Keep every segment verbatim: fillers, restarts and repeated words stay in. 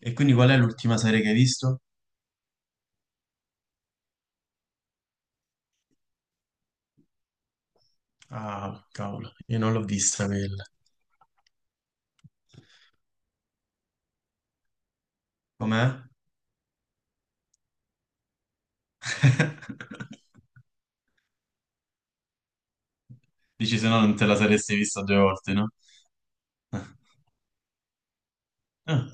E quindi qual è l'ultima serie che hai visto? Ah, cavolo, io non l'ho vista quella. Com'è? Dici se no non te la saresti vista due volte, no? Ah,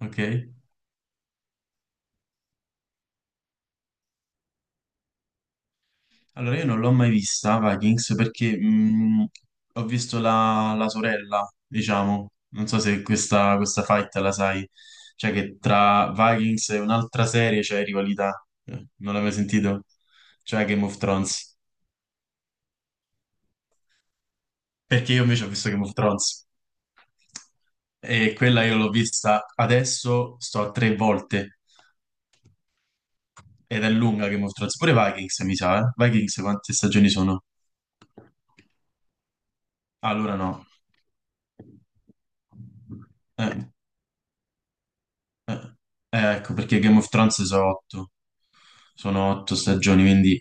ok. Allora io non l'ho mai vista Vikings perché mh, ho visto la, la sorella, diciamo. Non so se questa, questa fight la sai. Cioè che tra Vikings e un'altra serie c'è rivalità. Eh, Non l'hai mai sentito? Cioè Game of Thrones. Perché io invece ho visto Game of Thrones e quella io l'ho vista adesso, sto a tre volte ed è lunga Game of Thrones. Pure Vikings mi sa, eh? Vikings quante stagioni sono? Allora no. Eh, eh, ecco perché Game of Thrones sono otto, sono otto stagioni, quindi...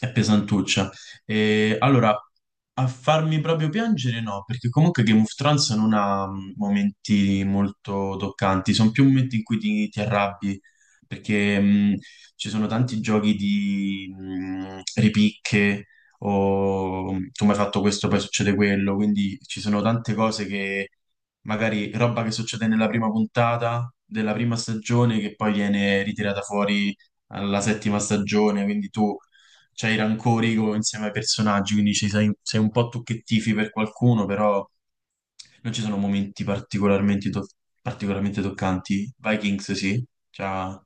È pesantuccia. E, allora, a farmi proprio piangere no, perché comunque Game of Thrones non ha mh, momenti molto toccanti, sono più momenti in cui ti, ti arrabbi, perché mh, ci sono tanti giochi di mh, ripicche o mh, tu mi hai fatto questo, poi succede quello, quindi ci sono tante cose che magari roba che succede nella prima puntata della prima stagione che poi viene ritirata fuori alla settima stagione, quindi tu c'hai i rancori co- insieme ai personaggi, quindi ci sei, sei un po' tu che tifi per qualcuno, però non ci sono momenti particolarmente, to- particolarmente toccanti. Vikings sì, c'ha...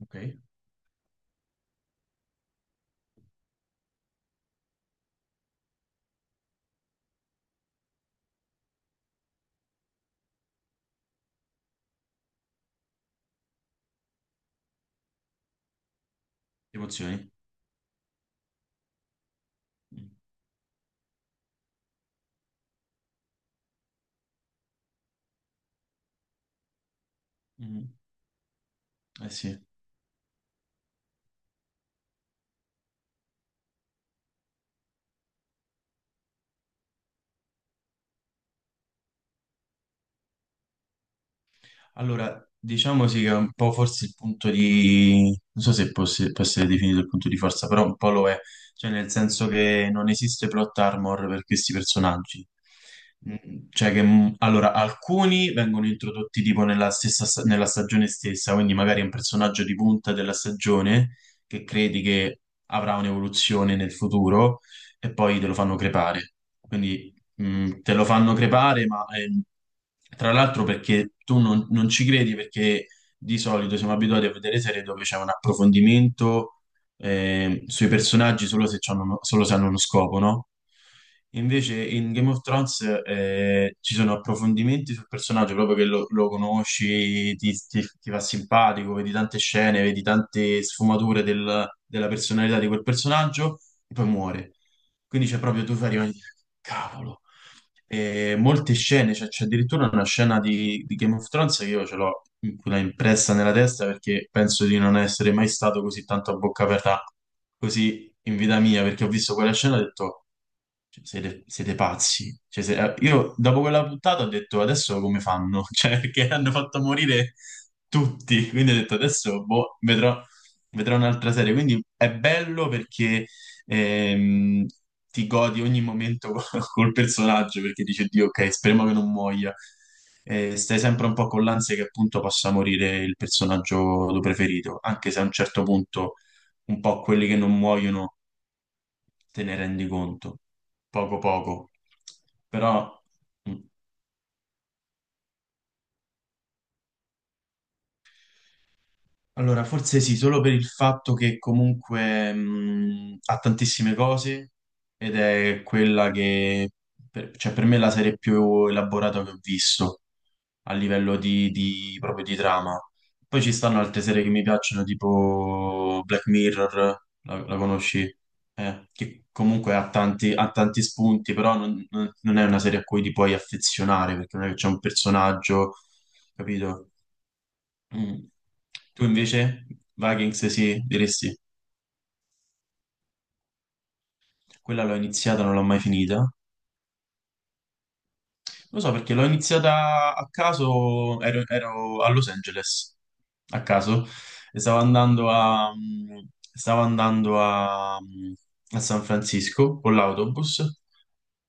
Ok, emozioni. Mm, mm. Eh sì. Allora, diciamo sì che è un po' forse il punto di... non so se può, se- può essere definito il punto di forza, però un po' lo è, cioè nel senso che non esiste plot armor per questi personaggi. Mm. Cioè che, mm, allora, alcuni vengono introdotti tipo nella stessa, sta- nella stagione stessa, quindi magari è un personaggio di punta della stagione che credi che avrà un'evoluzione nel futuro e poi te lo fanno crepare. Quindi Mm, te lo fanno crepare, ma ehm, tra l'altro perché tu non, non ci credi, perché di solito siamo abituati a vedere serie dove c'è un approfondimento ehm, sui personaggi solo se, c'hanno uno- solo se hanno uno scopo, no? Invece in Game of Thrones eh, ci sono approfondimenti sul personaggio proprio che lo, lo conosci, ti, ti- ti fa simpatico, vedi tante scene, vedi tante sfumature del- della personalità di quel personaggio e poi muore. Quindi c'è proprio tu fai rimani, cavolo. E molte scene, cioè c'è addirittura una scena di, di Game of Thrones che io ce l'ho in quella impressa nella testa perché penso di non essere mai stato così tanto a bocca aperta così in vita mia, perché ho visto quella scena e ho detto, cioè, siete, siete pazzi. Cioè, se- eh, io dopo quella puntata ho detto, adesso come fanno? Cioè, perché hanno fatto morire tutti, quindi ho detto, adesso boh, vedrò, vedrò un'altra serie. Quindi è bello perché ehm, ti godi ogni momento col personaggio perché dice Dio, ok, speriamo che non muoia. E stai sempre un po' con l'ansia che appunto possa morire il personaggio tuo preferito, anche se a un certo punto un po' quelli che non muoiono te ne rendi conto, poco poco. Però mh, allora forse sì, solo per il fatto che comunque mh, ha tantissime cose ed è quella che per, cioè per me è la serie più elaborata che ho visto. A livello di, di- proprio di trama. Poi ci stanno altre serie che mi piacciono, tipo Black Mirror, la, la conosci? Eh, che comunque ha tanti, ha tanti spunti, però non, non- non è una serie a cui ti puoi affezionare, perché non è che c'è un personaggio, capito? Mm. Tu invece, Vikings, sì, diresti, quella l'ho iniziata, non l'ho mai finita. Lo so perché l'ho iniziata a caso, ero, ero a Los Angeles, a caso, e stavo andando a, mm, stavo andando a, mm, a San Francisco con l'autobus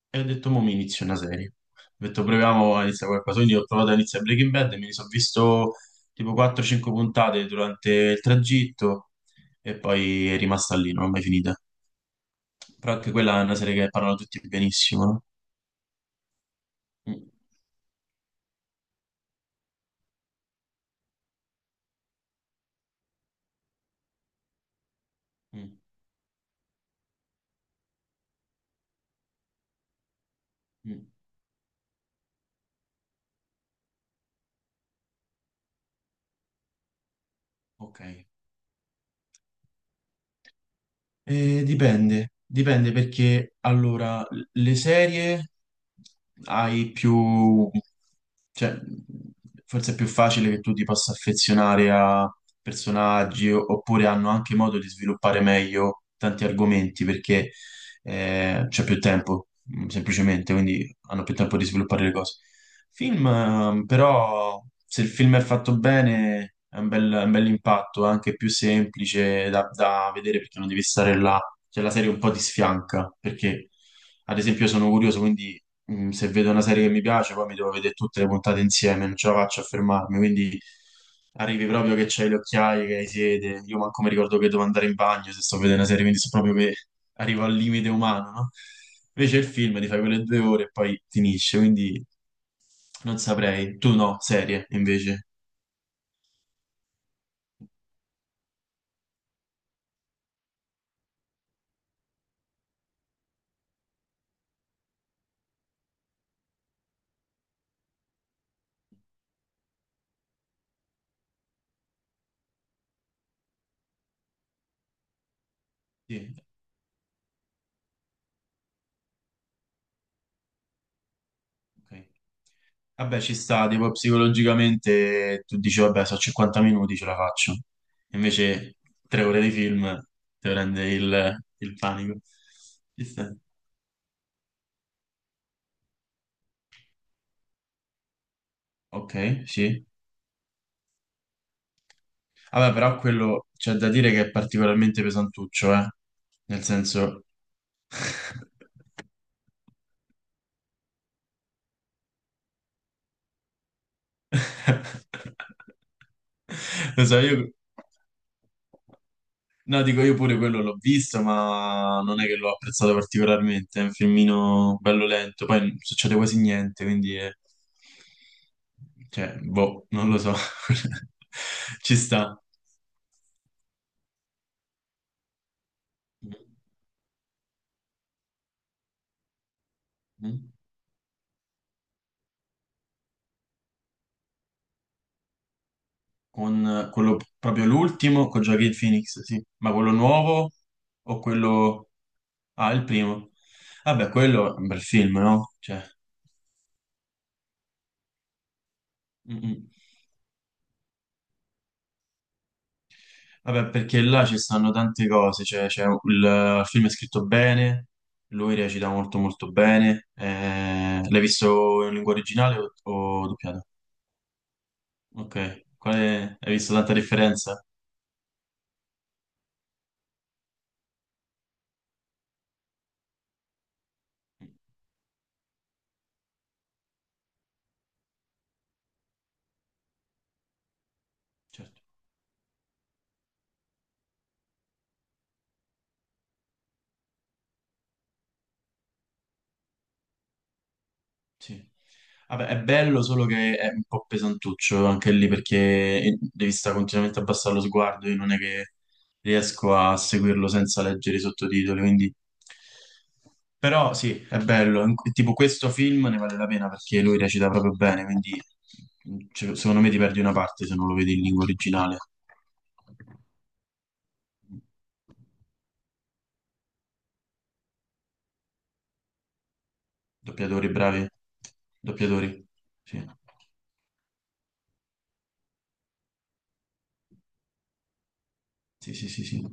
e ho detto, mo mi inizio una serie. Ho detto, proviamo a iniziare qualcosa. Quindi ho provato a iniziare Breaking Bad e mi sono visto tipo quattro o cinque puntate durante il tragitto e poi è rimasta lì, non l'ho mai finita. Però anche quella è una serie che parlano tutti benissimo, no? Mm, mm, mm. Ok. Eh, dipende, dipende perché allora le serie hai più, cioè forse è più facile che tu ti possa affezionare a personaggi o- oppure hanno anche modo di sviluppare meglio tanti argomenti perché eh, c'è più tempo, mm, semplicemente, quindi hanno più tempo di sviluppare le cose. Film, ehm, però, se il film è fatto bene, è un bel, è un bel impatto, è anche più semplice da, da vedere perché non devi stare là. Cioè, la serie un po' ti sfianca, perché, ad esempio, io sono curioso, quindi mh, se vedo una serie che mi piace, poi mi devo vedere tutte le puntate insieme, non ce la faccio a fermarmi, quindi arrivi proprio che c'hai le occhiaie, che hai sete, io manco mi ricordo che devo andare in bagno se sto vedendo una serie, quindi so proprio che arrivo al limite umano, no? Invece il film ti fai quelle due ore e poi finisce, quindi non saprei. Tu no, serie invece. Sì, ok. Vabbè, ci sta, tipo psicologicamente tu dici, vabbè, so cinquanta minuti, ce la faccio. Invece tre ore di film ti prende il, il panico. Ci sta. Ok, sì. Vabbè, però quello c'è da dire che è particolarmente pesantuccio, eh. Nel senso... Lo so, io... No, dico io pure quello l'ho visto, ma non è che l'ho apprezzato particolarmente. È un filmino bello lento, poi non succede quasi niente, quindi è- cioè, boh, non lo so. Ci sta. Mm. Con eh, quello proprio l'ultimo, con Joaquin Phoenix, sì. Ma quello nuovo o quello... Ah, il primo. Vabbè, quello è un bel film, no? Cioè... mm, mm. Vabbè, perché là ci stanno tante cose, cioè, c'è un- il, il film è scritto bene, lui recita molto molto bene. Eh, l'hai visto in lingua originale o, o doppiato? Ok, Quale- hai visto tanta differenza? Certo, sì. Vabbè, è bello, solo che è un po' pesantuccio anche lì perché devi stare continuamente a abbassare lo sguardo. Io non è che riesco a seguirlo senza leggere i sottotitoli, quindi però sì, è bello. In- Tipo questo film ne vale la pena perché lui recita proprio bene, quindi mm, cioè, secondo me ti perdi una parte se non lo vedi in lingua originale. Doppiatori bravi. Doppiatori. Sì, sì, sì, sì. Sì.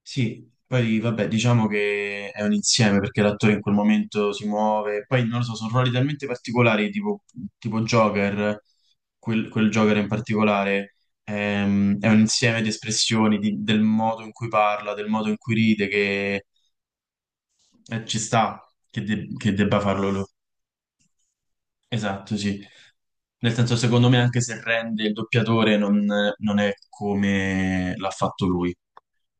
Sì, poi vabbè, diciamo che è un insieme perché l'attore in quel momento si muove, poi non lo so, sono ruoli talmente particolari, tipo, tipo Joker, quel, quel Joker in particolare, ehm, è un insieme di espressioni, di- del modo in cui parla, del modo in cui ride, che eh, ci sta che, de- che debba farlo lui. Esatto, sì. Nel senso, secondo me, anche se rende il doppiatore, non, non è come l'ha fatto lui.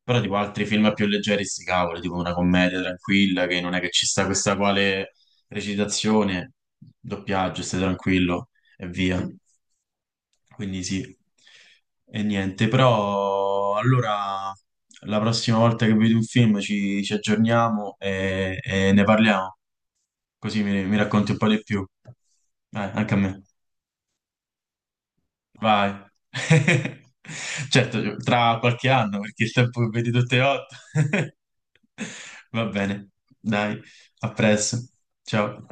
Però, tipo, altri film più leggeri, sti cavoli, tipo una commedia tranquilla, che non è che ci sta questa quale recitazione, doppiaggio, stai tranquillo e via. Quindi sì. E niente, però allora la prossima volta che vedi un film ci, ci aggiorniamo e e ne parliamo. Così mi, mi racconti un po' di più. Dai, anche a me. Vai. Certo, tra qualche anno, perché il tempo che vedi tutte e otto. Va bene. Dai, a presto. Ciao.